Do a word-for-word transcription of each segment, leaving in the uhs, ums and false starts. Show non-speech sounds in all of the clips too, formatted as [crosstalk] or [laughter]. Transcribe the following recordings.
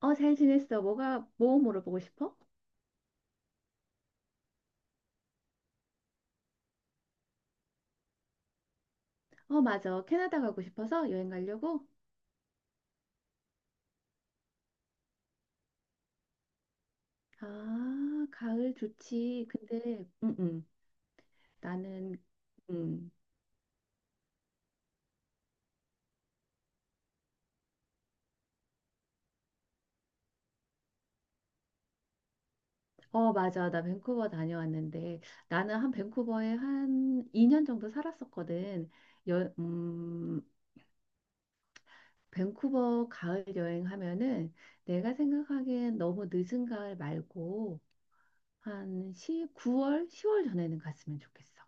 어, 잘 지냈어. 뭐가, 뭐 물어보고 싶어? 어, 맞아. 캐나다 가고 싶어서 여행 가려고? 아, 가을 좋지. 근데, 응, 응. 나는, 응. 어, 맞아. 나 밴쿠버 다녀왔는데, 나는 한 밴쿠버에 한 이 년 정도 살았었거든. 여, 음, 밴쿠버 가을 여행하면은 내가 생각하기엔 너무 늦은 가을 말고, 한 시구 구월, 시월 전에는 갔으면 좋겠어.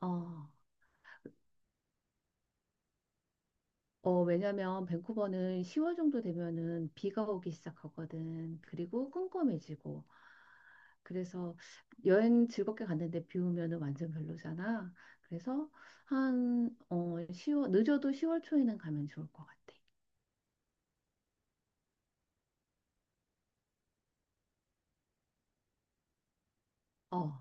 어. 어, 왜냐면 밴쿠버는 시월 정도 되면은 비가 오기 시작하거든. 그리고 깜깜해지고. 그래서 여행 즐겁게 갔는데 비 오면은 완전 별로잖아. 그래서 한 어, 시월 늦어도 시월 초에는 가면 좋을 것 같아. 어.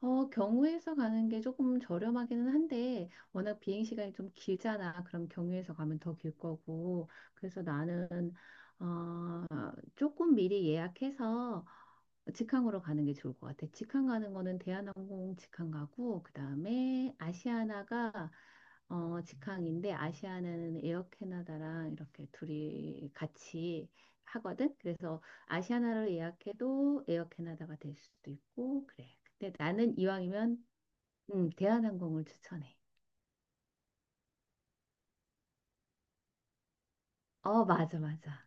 어, 경유해서 가는 게 조금 저렴하기는 한데 워낙 비행 시간이 좀 길잖아. 그럼 경유해서 가면 더 길 거고. 그래서 나는 어, 조금 미리 예약해서 직항으로 가는 게 좋을 것 같아. 직항 가는 거는 대한항공 직항 가고 그다음에 아시아나가 어 직항인데, 아시아나는 에어 캐나다랑 이렇게 둘이 같이 하거든. 그래서 아시아나를 예약해도 에어 캐나다가 될 수도 있고 그래. 근데 나는 이왕이면 음, 대한항공을 추천해. 어, 맞아, 맞아.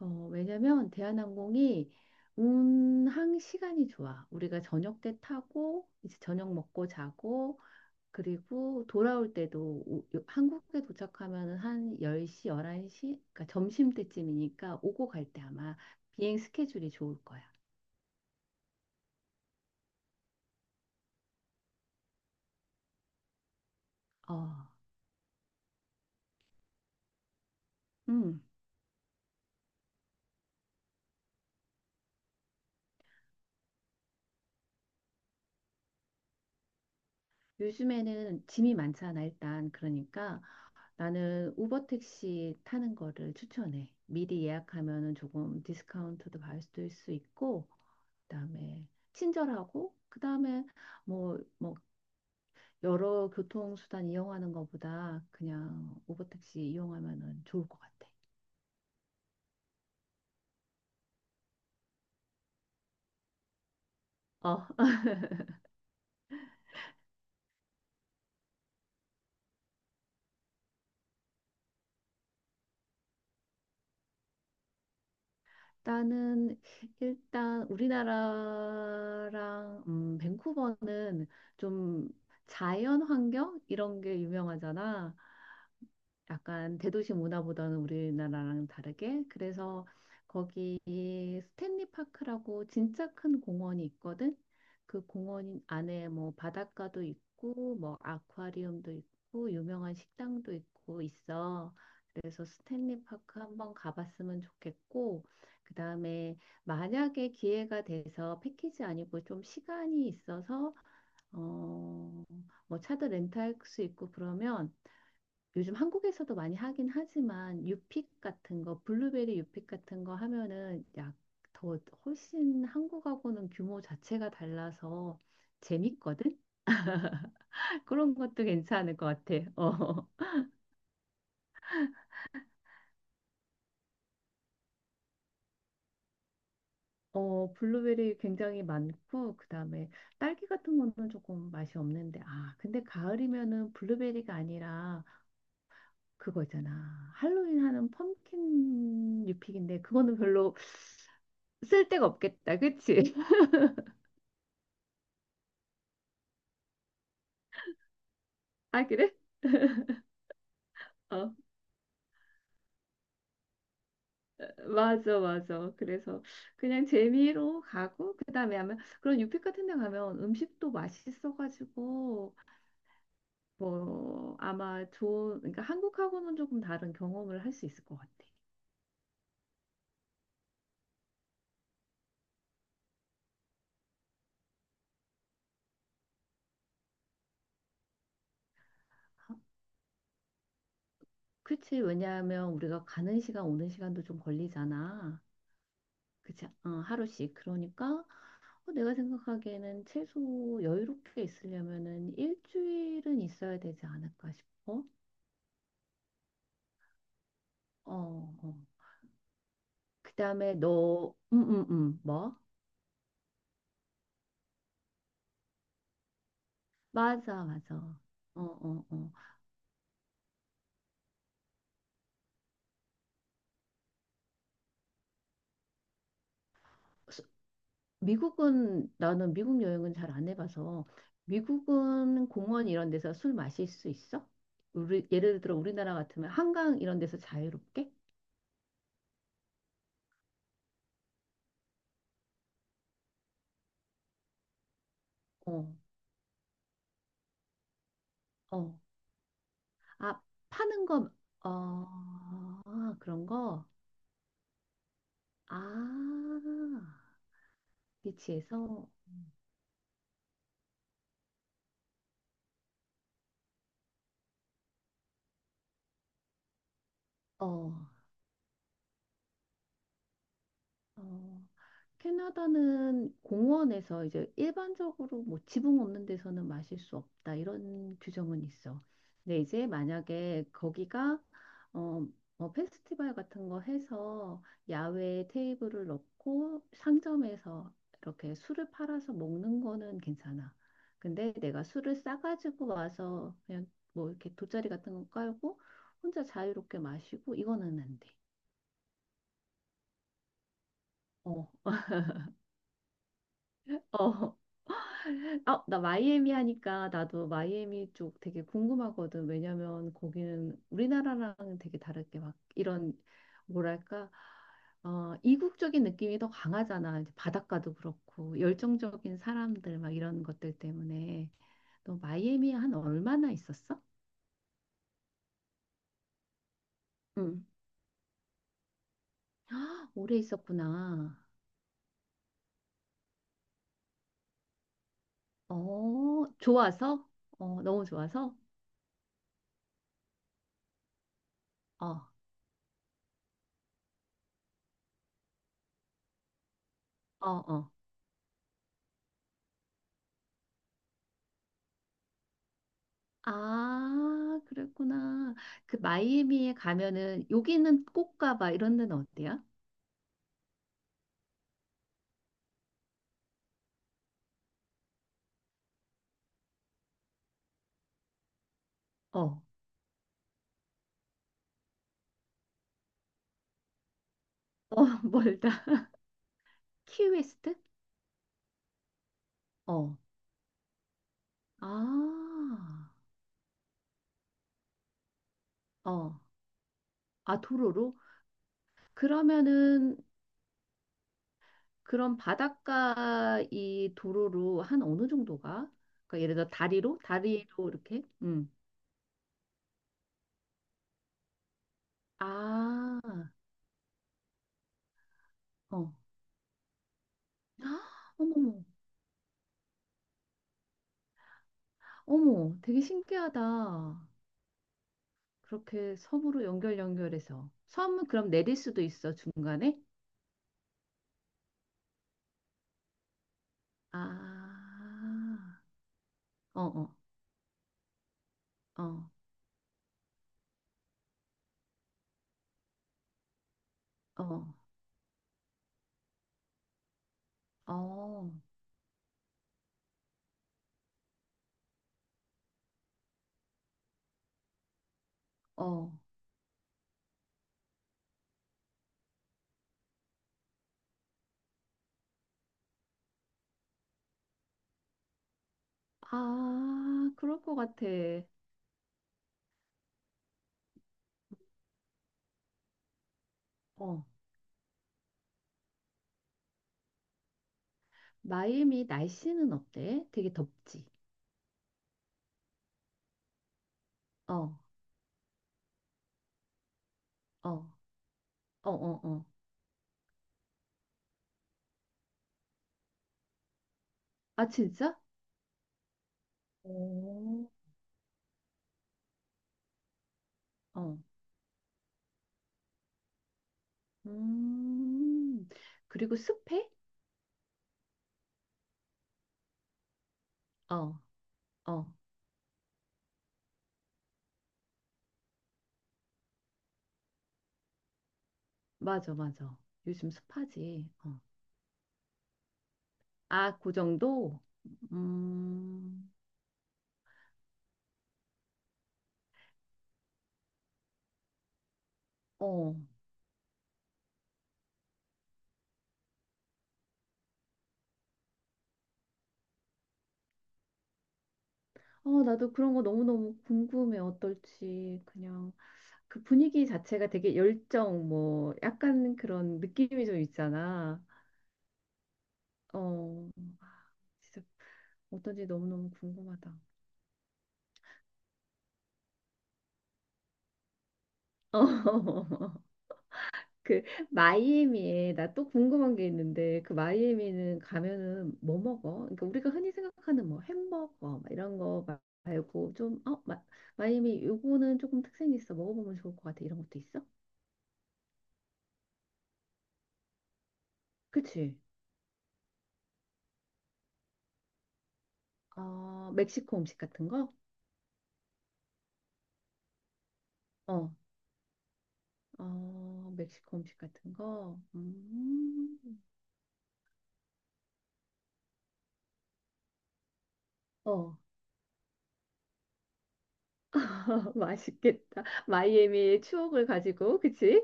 어, 왜냐면 대한항공이 운항 시간이 좋아. 우리가 저녁 때 타고 이제 저녁 먹고 자고, 그리고 돌아올 때도 오- 요- 한국에 도착하면 한 열 시, 열한 시? 그러니까 점심 때쯤이니까 오고 갈 때 아마 비행 스케줄이 좋을 거야. 어, 음. 요즘에는 짐이 많잖아, 일단. 그러니까 나는 우버 택시 타는 거를 추천해. 미리 예약하면은 조금 디스카운트도 받을 수 있고, 그다음에 친절하고, 그다음에 뭐, 뭐 여러 교통수단 이용하는 것보다 그냥 우버택시 이용하면은 좋을 것 같아. 어. [laughs] 일단은 일단 우리나라랑 음, 밴쿠버는 좀 자연 환경 이런 게 유명하잖아. 약간 대도시 문화보다는 우리나라랑 다르게. 그래서 거기 스탠리 파크라고 진짜 큰 공원이 있거든. 그 공원 안에 뭐 바닷가도 있고 뭐 아쿠아리움도 있고 유명한 식당도 있고 있어. 그래서 스탠리 파크 한번 가봤으면 좋겠고, 그다음에 만약에 기회가 돼서 패키지 아니고 좀 시간이 있어서 어, 뭐 차도 렌트할 수 있고 그러면, 요즘 한국에서도 많이 하긴 하지만 유픽 같은 거, 블루베리 유픽 같은 거 하면은 약 더 훨씬 한국하고는 규모 자체가 달라서 재밌거든? [laughs] 그런 것도 괜찮을 것 같아. [laughs] 어. 어, 블루베리 굉장히 많고, 그다음에 딸기 같은 거는 조금 맛이 없는데, 아, 근데 가을이면은 블루베리가 아니라 그거 있잖아. 할로윈 하는 펌킨 유픽인데 그거는 별로 쓸데가 없겠다. 그치? [laughs] 아, 그래? 어. 맞아, 맞아. 그래서 그냥 재미로 가고, 그 다음에 아마 그런 유페 같은 데 가면 음식도 맛있어가지고, 뭐, 아마 좋은, 그러니까 한국하고는 조금 다른 경험을 할 수 있을 것 같아. 그치, 왜냐하면 우리가 가는 시간, 오는 시간도 좀 걸리잖아. 그치, 어, 하루씩. 그러니까 어, 내가 생각하기에는 최소 여유롭게 있으려면은 일주일은 있어야 되지 않을까 싶어. 어, 어. 그 다음에 너, 음, 음, 음, 뭐? 맞아, 맞아. 어, 어, 어. 스- 미국은, 나는 미국 여행은 잘 안 해봐서. 미국은 공원 이런 데서 술 마실 수 있어? 우리 예를 들어 우리나라 같으면 한강 이런 데서 자유롭게? 어, 어. 아, 파는 거, 어, 아, 그런 거? 아, 비치에서? 어, 어. 캐나다는 공원에서 이제 일반적으로 뭐 지붕 없는 데서는 마실 수 없다 이런 규정은 있어. 근데 이제 만약에 거기가 어, 뭐 페스티벌 같은 거 해서 야외에 테이블을 넣고 상점에서 이렇게 술을 팔아서 먹는 거는 괜찮아. 근데 내가 술을 싸가지고 와서 그냥 뭐 이렇게 돗자리 같은 거 깔고 혼자 자유롭게 마시고 이거는 안 돼. 어, 어. 어. 아, 나 마이애미 하니까 나도 마이애미 쪽 되게 궁금하거든. 왜냐면 거기는 우리나라랑 되게 다르게 막 이런, 뭐랄까, 어, 이국적인 느낌이 더 강하잖아. 이제 바닷가도 그렇고 열정적인 사람들 막 이런 것들 때문에. 너 마이애미 한 얼마나 있었어? 응. 오래 있었구나. 어, 좋아서? 어, 너무 좋아서? 어, 어, 어. 아, 그랬구나. 그 마이애미에 가면은 여기는 꼭 가봐 이런 데는 어때요? 어, 어. [laughs] 멀다. 키웨스트? 어, 아, 어, 아, 도로로? 그러면은 그런 바닷가 이 도로로 한 어느 정도가? 그러니까 예를 들어 다리로? 다리로 이렇게? 음, 아, 어, [gasps] 어머머, 어머, 되게 신기하다. 그렇게 섬으로 연결 연결해서 섬은 그럼 내릴 수도 있어 중간에? 아, 어, 어, 어, 어, 어, 어. 아, 그럴 것 같아. 어, 마이애미 날씨는 어때? 되게 덥지? 어, 어, 어, 어, 어. 아, 진짜? 오, 어, 음, 그리고 습해? 어, 어, 맞아, 맞아. 요즘 습하지. 어. 아, 그 정도? 음, 어. 어, 나도 그런 거 너무너무 궁금해. 어떨지. 그냥 그 분위기 자체가 되게 열정, 뭐, 약간 그런 느낌이 좀 있잖아. 어, 진짜 어떤지 너무너무 궁금하다. [laughs] 어, 그 마이애미에 나 또 궁금한 게 있는데, 그 마이애미는 가면은 뭐 먹어? 그러니까 우리가 흔히 생각하는 뭐 햄버거 막 이런 거 마- 말고 좀, 어, 마, 마이애미 요거는 조금 특색이 있어, 먹어보면 좋을 것 같아, 이런 것도 있어? 그치? 어, 멕시코 음식 같은 거? 어, 어, 멕시코 음식 같은 거? 음, 어. [laughs] 맛있겠다. 마이애미의 추억을 가지고, 그치?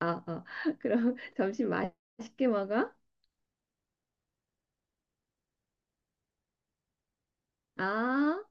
아, 아, 그럼 [laughs] 점심 맛있게 먹어? 아.